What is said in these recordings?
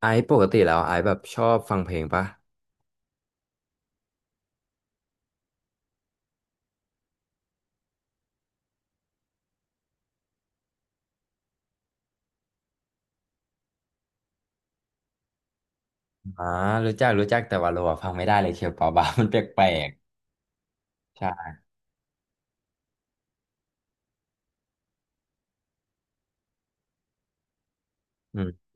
ไอซ์ปกติแล้วไอซ์แบบชอบฟังเพลงปะอ่ารู้จักรู้จักแต่วาโลอะฟังไม่ได้เลยเคียวปาบา มันแปลกๆใช่อืม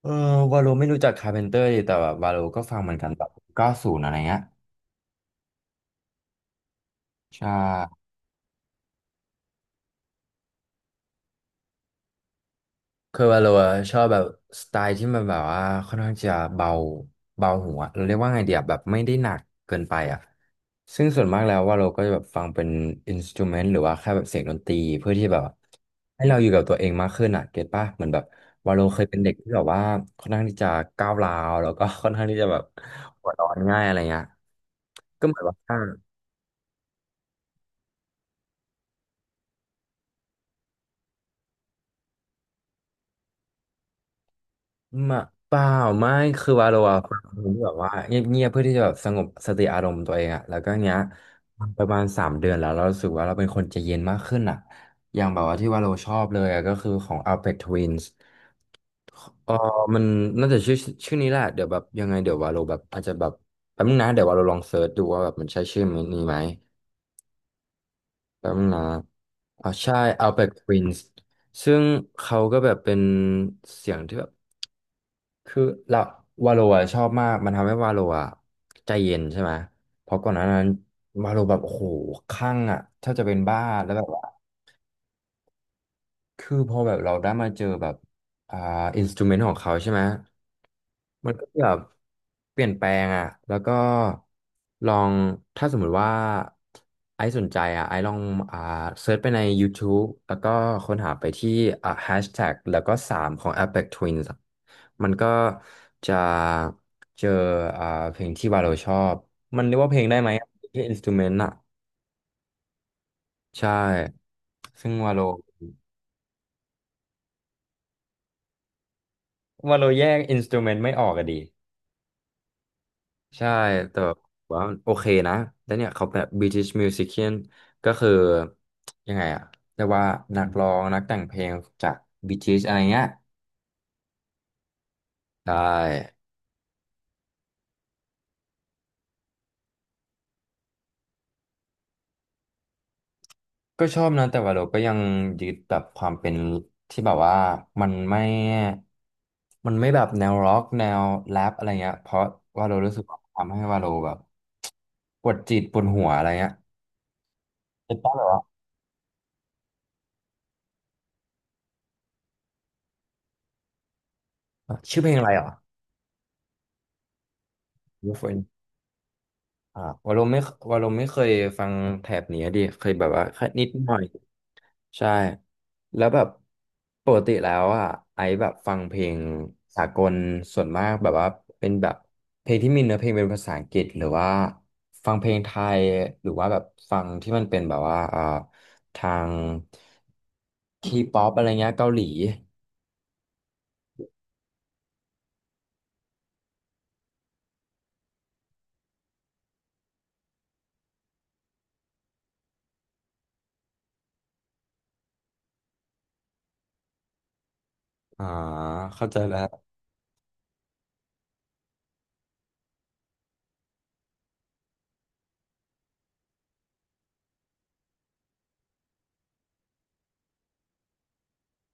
เออวาโลไม่รู้จักคาร์เพนเตอร์ดีแต่แบบวาโลก็ฟังเหมือนกันแบบเก้าศูนย์อะไรเงี้ยใช่ คือว่าเราอะชอบแบบสไตล์ที่มันแบบว่าค่อนข้างจะเบาเบาหัวเราเรียกว่าไงเดียแบบไม่ได้หนักเกินไปอ่ะซึ่งส่วนมากแล้วว่าเราก็จะแบบฟังเป็นอินสตูเมนต์หรือว่าแค่แบบเสียงดนตรีเพื่อที่แบบให้เราอยู่กับตัวเองมากขึ้นอ่ะเก็ตป่ะเหมือนแบบว่าเราเคยเป็นเด็กที่แบบว่าค่อนข้างที่จะก้าวร้าวแล้วก็ค่อนข้างที่จะแบบหัวร้อนง่ายอะไรเงี้ยก็เหมือนว่า มาเปล่าไม่คือวาโลอะฟังเป็นคที่แบบว่าเงียบๆเพื่อที่จะแบบสงบสติอารมณ์ตัวเองอะแล้วก็เนี้ยประมาณสามเดือนแล้วเรารู้สึกว่าเราเป็นคนใจเย็นมากขึ้นอะอย่างแบบว่าที่วาโลชอบเลยอะก็คือของ Alpha Twins เออมันน่าจะชื่อชื่อนี้แหละเดี๋ยวแบบยังไงเดี๋ยววาโลแบบอาจจะแบบแป๊บนึงนะเดี๋ยววาโลลองเซิร์ชดูว่าแบบมันใช่ชื่อนี้ไหมแป๊บนึงนะอ๋อใช่ Alpha Twins ซึ่งเขาก็แบบเป็นเสียงที่แบบ คือเราวาโลอะชอบมากมันทำให้วาโลอะใจเย็นใช่ไหมเพราะก่อนหน้านั้นวาโลแบบโอ้โหคลั่งอะแทบจะเป็นบ้าแล้วแบบ คือพอแบบเราได้มาเจอแบบอ่าอินสตูเมนต์ของเขาใช่ไหม มันก็แบบเปลี่ยนแปลงอ่ะแล้วก็ลองถ้าสมมุติว่าไอซ์สนใจอ่ะไอซ์ลองอ่าเซิร์ชไปใน YouTube แล้วก็ค้นหาไปที่แฮชแท็กแล้วก็สามของ Apex Twins อะมันก็จะเจออ่าเพลงที่วาโลชอบ มันเรียกว่าเพลงได้ไหมแค่อินสตูเมนต์อ่ะใช่ ซึ่งวาโลแยกอินสตูเมนต์ไม่ออกอะดี ใช่แต่แบบว่าโอเคนะแล้วเนี่ยเขาแบบ British Musician ก็คือยังไงอะเรียกว่านักร้องนักแต่งเพลงจาก British อะไรเงี้ยได้ก็ชอบนะแต่ว่าเราก็ยังยึดแบบความเป็นที่แบบว่ามันไม่ มันไม่แบบแนวร็อกแนวแรปอะไรเงี้ยเพราะว่าเรารู้สึกว่าทำให้ว่าเราแบบปวดจิตปวดหัวอะไรเงี้ยเป็นต้อแบบว่าชื่อเพลงอะไรเหรอ อ่าวอลลุ่มไม่วอลลุ่มไม่เคยฟังแถบนี้ดิเคยแบบว่าแค่นิดหน่อยใช่แล้วแบบปกติแล้วอ่ะไอซ์แบบฟังเพลงสากลส่วนมากแบบว่าเป็นแบบเพลงที่มีเนื้อเพลงเป็นภาษาอังกฤษหรือว่าฟังเพลงไทยหรือว่าแบบฟังที่มันเป็นแบบว่าทางทีป๊อปอะไรเงี้ยเกาหลีอ่าเข้าใจแล้ว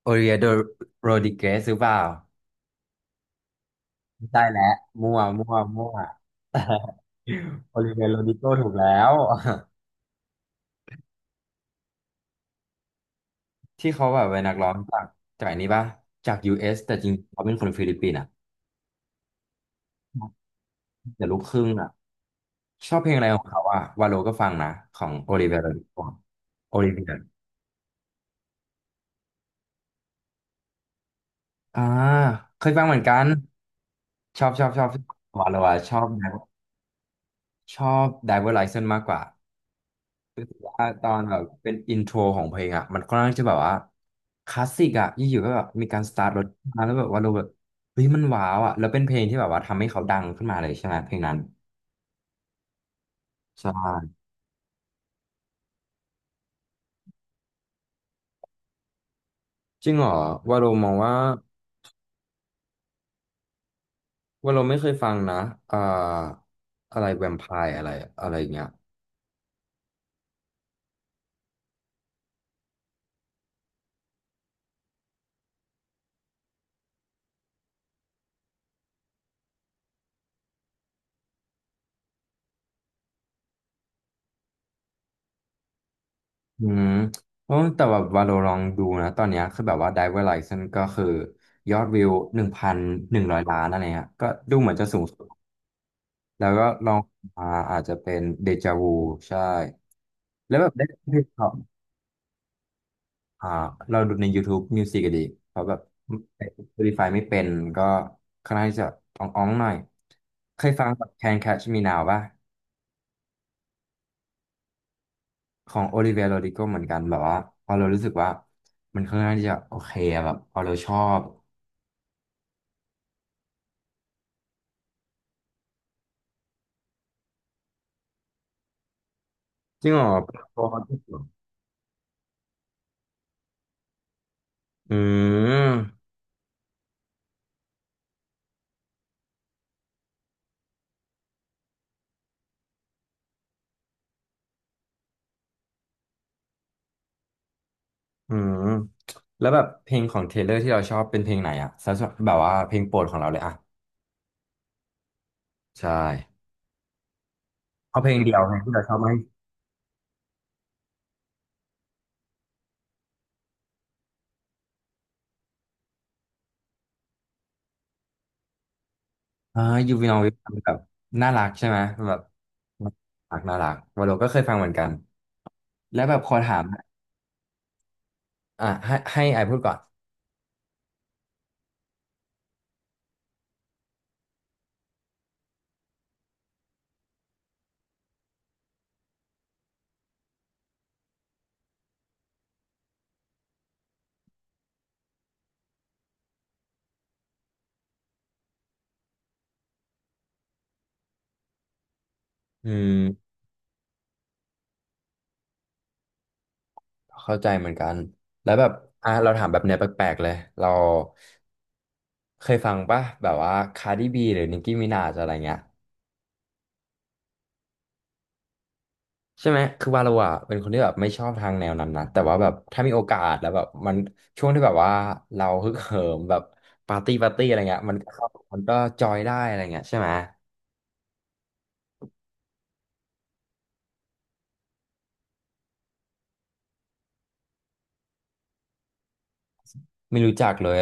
โอเลียโดโรดิเกสหรือเปล่า ไม่ใช่แล้วมั่วมั่วมั่ว โอลิเวียโรดิโกถูกแล้ว ที่เขาแบบเป็นนักร้องจากจากอันนี้ป่ะจาก US แต่จริงๆเขาเป็นคนฟิลิปปินส์อ่ะแต่ลูกครึ่งอ่ะชอบเพลงอะไรของเขาอ่ะวาโลก็ฟังนะของโอลิเวียโรดิโกโอลิเวียอ่าเคยฟังเหมือนกันชอบชอบชอบวาโลอะชอบชอบไดเวอร์ไลเซนมากกว่า ตอนแบบเป็นอินโทรของเพลงอ่ะมันค่อนข้างจะแบบว่าคลาสสิกอ่ะอยู่ๆก็แบบมีการสตาร์ทรถมาแล้วแบบว่าเราแบบเฮ้ยมันว้าวอ่ะแล้วเป็นเพลงที่แบบว่าทำให้เขาดังขึ้นมาเลยใช่ไหมเพลงนั้นใช่จริงเหรอว่าเรามองว่าว่าเราไม่เคยฟังนะอ่าอะไรแวมไพร์อะไรอะไรเงี้ยอืมเพราะแต่แบบว่าเราลองดูนะตอนเนี้ยคือแบบว่า Driver License ก็คือยอดวิวหนึ่งพันหนึ่งร้อยล้านอะไรเงี้ยก็ดูเหมือนจะสูง แล้วก็ลองมาอาจจะเป็นเดจาวูใช่แล้วแบบได้เเขาอ่าเราดูใน YouTube Music อะดีเขาแบบ Spotify ไม่เป็นก็ค่อนข้างที่จะอ่องๆหน่อยเคยฟังแบบ Can Catch Me Now ป่ะของ Olivia Rodrigo เหมือนกันแบบว่าพอเรารู้สึกว่ามันค่อนข้างที่จะโอเคอะแบบพอเราชอบจริงเหรอพอที่สุดอืมอืมแล้วแบบเพลงของเทเลอร์ที่เราชอบเป็นเพลงไหนอะสำหรับแบบว่าเพลงโปรดของเราเลยอะใช่ เพราะเพลงเดียวไงที่เราชอบไหมอ่ายูวีนอวิแบบน่ารักใช่ไหมแบบน่ารักวาโลก็เคยฟังเหมือนกันแล้วแบบขอถามอ่ะให้ไอพูดก่อนอืมเข้าใจเหมือนกันแล้วแบบอ่ะเราถามแบบเนี้ยแปลกๆเลยเราเคยฟังป่ะแบบว่าคาร์ดิบีหรือนิกกี้มินาจอะไรเงี้ย ใช่ไหมคือวาโลอ่ะเป็นคนที่แบบไม่ชอบทางแนวนั้นนะแต่ว่าแบบถ้ามีโอกาสแล้วแบบมันช่วงที่แบบว่าเราฮึกเหิมแบบปาร์ตี้อะไรเงี้ยมันก็เข้ามันก็จอยได้อะไรเงี้ยใช่ไหมไม่รู้จักเลย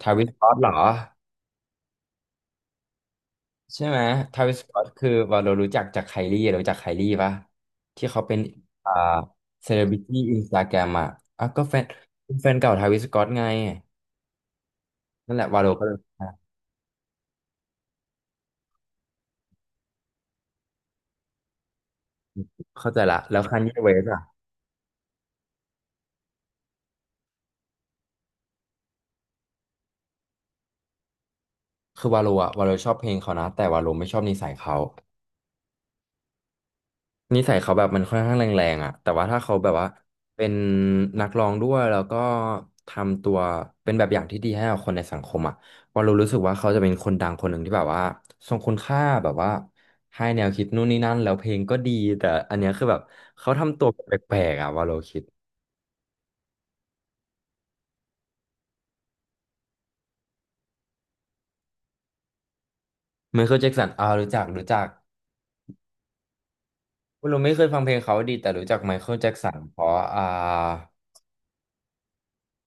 ทาวิสก็อตเหรอใช่ไหมทาวิสก็อตคือวาโลรู้จักจากไคลี่รู้จักไคลี่ปะที่เขาเป็นอ่าเซเลบริตี้อินสตาแกรมอ่ะอ่ะก็แฟนแฟนเก่าทาวิสก็อตไงนั่นแหละวาโลก็เลยเข้าใจละแล้วคันยีเวส คือวาโลอะวาโลชอบเพลงเขานะแต่วาโลไม่ชอบนิสัยเขานิสัยเขาแบบมันค่อนข้างแรงๆอะแต่ว่าถ้าเขาแบบว่าเป็นนักร้องด้วยแล้วก็ทำตัวเป็นแบบอย่างที่ดีให้กับคนในสังคมอะวาโลรู้สึกว่าเขาจะเป็นคนดังคนหนึ่งที่แบบว่าทรงคุณค่าแบบว่าให้แนวคิดนู่นนี่นั่นแล้วเพลงก็ดีแต่อันเนี้ยคือแบบเขาทำตัวแปลกๆอะวาโลคิดไมเคิลแจ็กสันอ่ารู้จักรู้จักวาโลไม่เคยฟังเพลงเขาดีแต่รู้จักไมเคิลแจ็กสันเพราะอ่า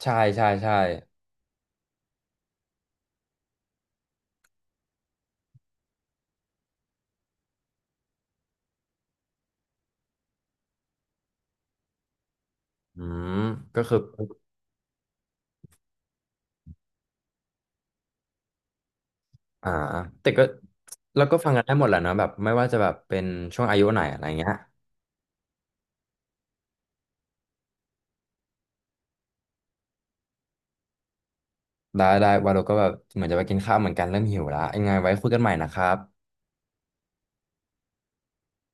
ใช่ใช่ใช่ อืมก็คืออ่าแต่ก็เราก็ฟังกันได้หมดแหละเนอะแบบไม่ว่าจะแบบเป็นช่วงอายุไหนอะไรเงี้ยได้ได้วาโลก็แบบเหมือนจะไปกินข้าวเหมือนกันเริ่มหิวและยังไงไว้คุยกันใหม่นะครับ